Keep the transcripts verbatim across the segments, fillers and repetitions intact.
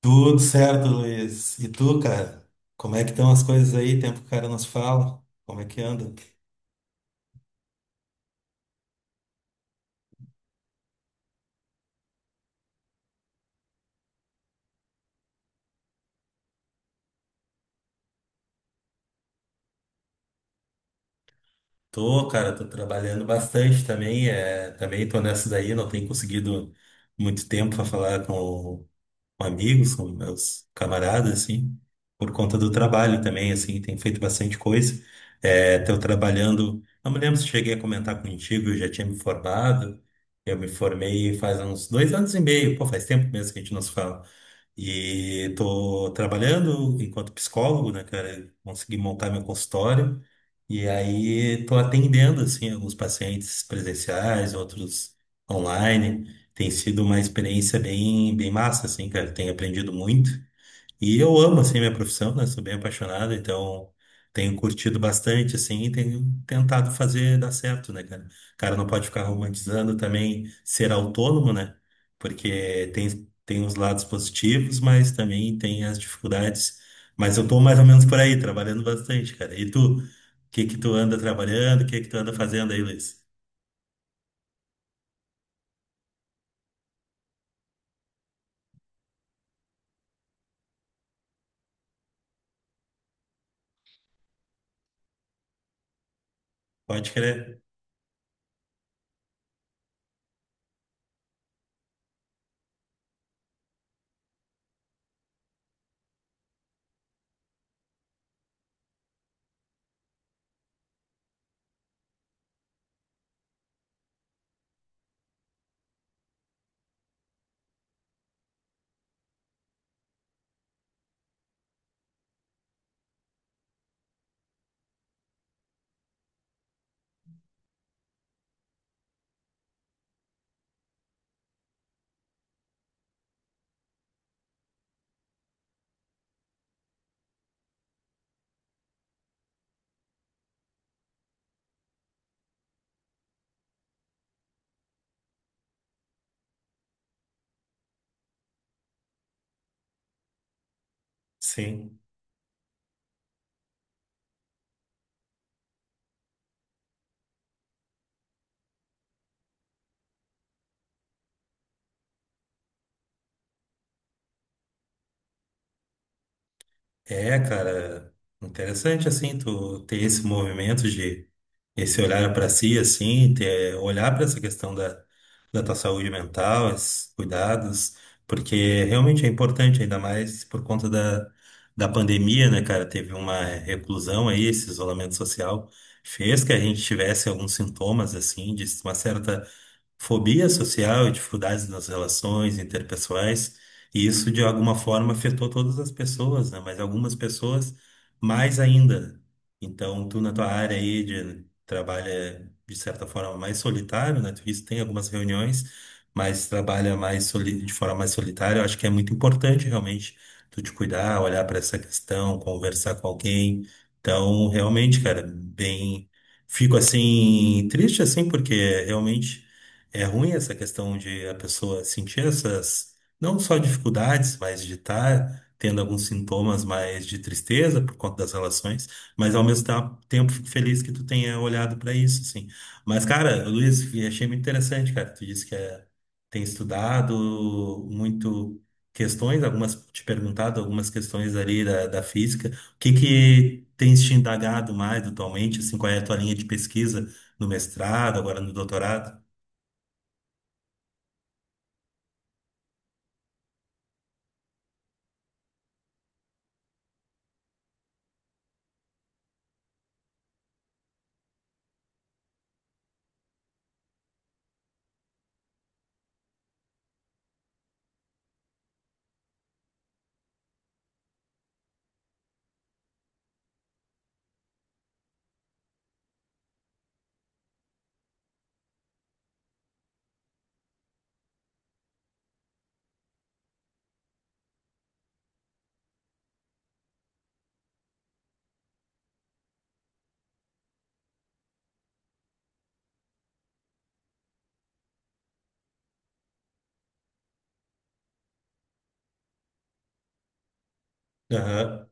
Tudo certo, Luiz. E tu, cara? Como é que estão as coisas aí? Tempo que o cara não se fala. Como é que anda? Tô, cara, tô trabalhando bastante também. É, também tô nessa daí, não tenho conseguido muito tempo para falar com, com amigos, com meus camaradas, assim, por conta do trabalho também, assim, tem feito bastante coisa. É, tô trabalhando, não me lembro se cheguei a comentar contigo, eu já tinha me formado, eu me formei faz uns dois anos e meio, pô, faz tempo mesmo que a gente não se fala. E tô trabalhando enquanto psicólogo, né, cara, consegui montar meu consultório, e aí tô atendendo, assim, alguns pacientes presenciais, outros online, tem sido uma experiência bem, bem massa, assim, cara. Tenho aprendido muito. E eu amo, assim, minha profissão, né? Sou bem apaixonado, então tenho curtido bastante, assim, e tenho tentado fazer dar certo, né, cara? O cara não pode ficar romantizando também ser autônomo, né? Porque tem, tem, os lados positivos, mas também tem as dificuldades. Mas eu tô mais ou menos por aí, trabalhando bastante, cara. E tu, o que que tu anda trabalhando? O que que tu anda fazendo aí, Luiz? Pode crer. Sim. É, cara, interessante assim, tu ter esse movimento de esse olhar para si, assim, ter, olhar para essa questão da, da, tua saúde mental, esses cuidados, porque realmente é importante, ainda mais por conta da, da pandemia, né, cara? Teve uma reclusão aí, esse isolamento social fez que a gente tivesse alguns sintomas, assim, de uma certa fobia social e dificuldades nas relações interpessoais, e isso de alguma forma afetou todas as pessoas, né? Mas algumas pessoas mais ainda. Então, tu na tua área aí de trabalha de certa forma mais solitário, né? Tu disse que tem algumas reuniões, mas trabalha mais soli- de forma mais solitária. Eu acho que é muito importante realmente tu te cuidar, olhar para essa questão, conversar com alguém. Então, realmente, cara, bem, fico assim triste assim porque realmente é ruim essa questão de a pessoa sentir essas, não só dificuldades, mas de estar tendo alguns sintomas mais de tristeza por conta das relações, mas ao mesmo ta- tempo fico feliz que tu tenha olhado para isso, assim. Mas, cara, Luiz, achei muito interessante, cara. Tu disse que é, tem estudado muito questões, algumas te perguntado algumas questões ali da, da, física. O que que tens te indagado mais atualmente, assim, qual é a tua linha de pesquisa no mestrado, agora no doutorado? Aham.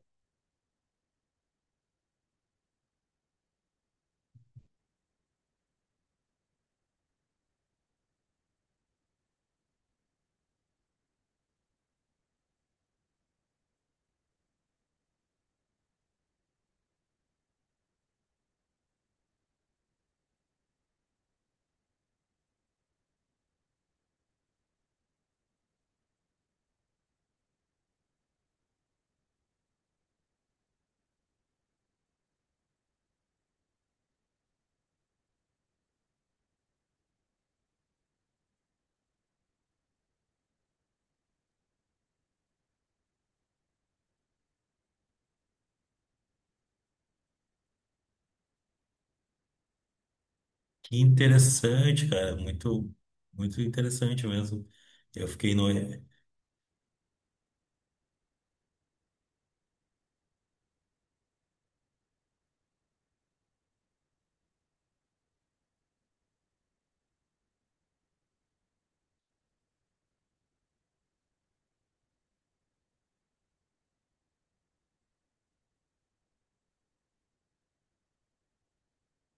Que interessante, cara. Muito, muito interessante mesmo. Eu fiquei no.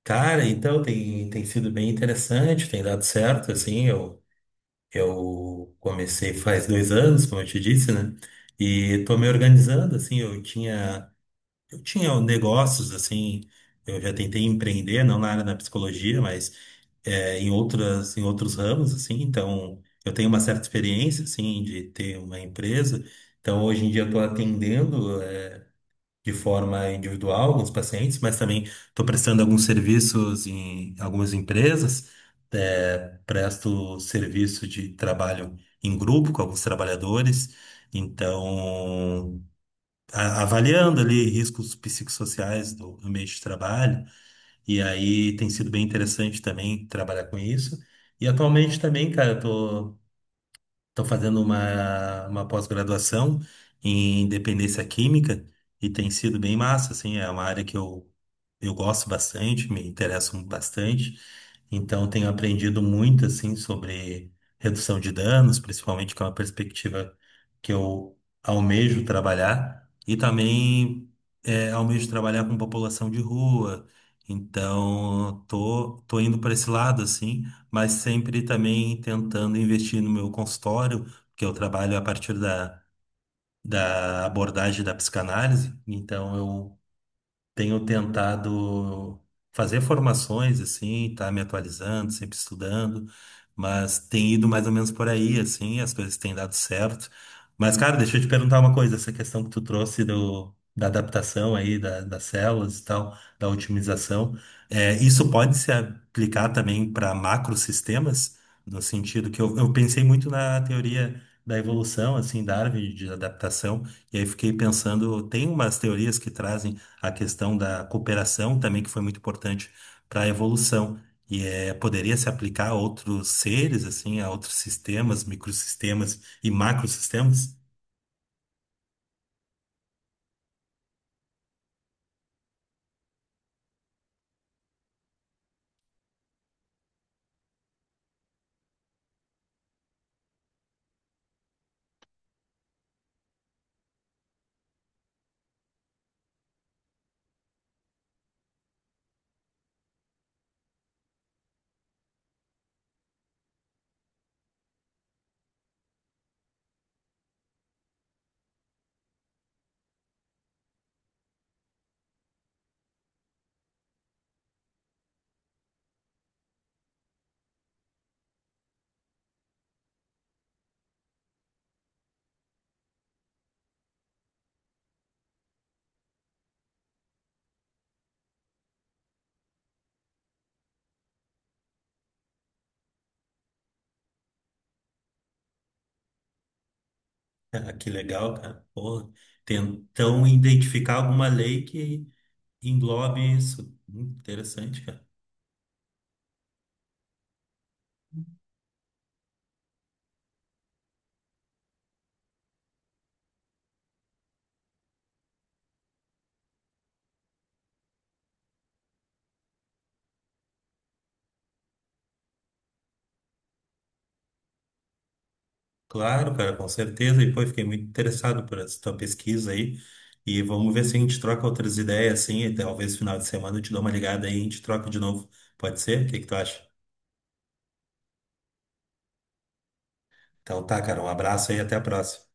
Cara, então tem, tem sido bem interessante, tem dado certo, assim. Eu, eu comecei faz dois anos, como eu te disse, né? E tô me organizando, assim. Eu tinha, eu tinha negócios, assim. Eu já tentei empreender, não na área da psicologia, mas é, em outras, em outros ramos, assim, então eu tenho uma certa experiência, assim, de ter uma empresa, então hoje em dia eu estou atendendo, é, de forma individual alguns pacientes, mas também estou prestando alguns serviços em algumas empresas, é, presto serviço de trabalho em grupo com alguns trabalhadores, então a- avaliando ali riscos psicossociais do ambiente de trabalho, e aí tem sido bem interessante também trabalhar com isso. E atualmente também, cara, eu tô Estou fazendo uma, uma, pós-graduação em dependência química e tem sido bem massa, assim, é uma área que eu, eu gosto bastante, me interesso bastante, então tenho aprendido muito, assim, sobre redução de danos, principalmente que é uma perspectiva que eu almejo trabalhar e também é, almejo trabalhar com população de rua, então tô, tô indo para esse lado, assim, mas sempre também tentando investir no meu consultório, porque eu trabalho a partir da, da abordagem da psicanálise, então tenho tentado fazer formações, assim, tá me atualizando, sempre estudando, mas tem ido mais ou menos por aí, assim, as coisas têm dado certo. Mas, cara, deixa eu te perguntar uma coisa, essa questão que tu trouxe do, da adaptação aí, da- das células e tal, da otimização, é, isso pode se aplicar também para macrosistemas, no sentido que eu, eu pensei muito na teoria da evolução, assim, Darwin, de adaptação, e aí fiquei pensando, tem umas teorias que trazem a questão da cooperação também, que foi muito importante para a evolução. E é, poderia se aplicar a outros seres, assim, a outros sistemas, microsistemas e macrosistemas? Ah, que legal, cara. Porra. Tentam identificar alguma lei que englobe isso. Hum, interessante, cara. Claro, cara, com certeza. E, pô, eu fiquei muito interessado por essa tua pesquisa aí. E vamos ver se a gente troca outras ideias, assim, e talvez final de semana eu te dou uma ligada aí e a gente troca de novo. Pode ser? O que que tu acha? Então tá, cara. Um abraço aí e até a próxima.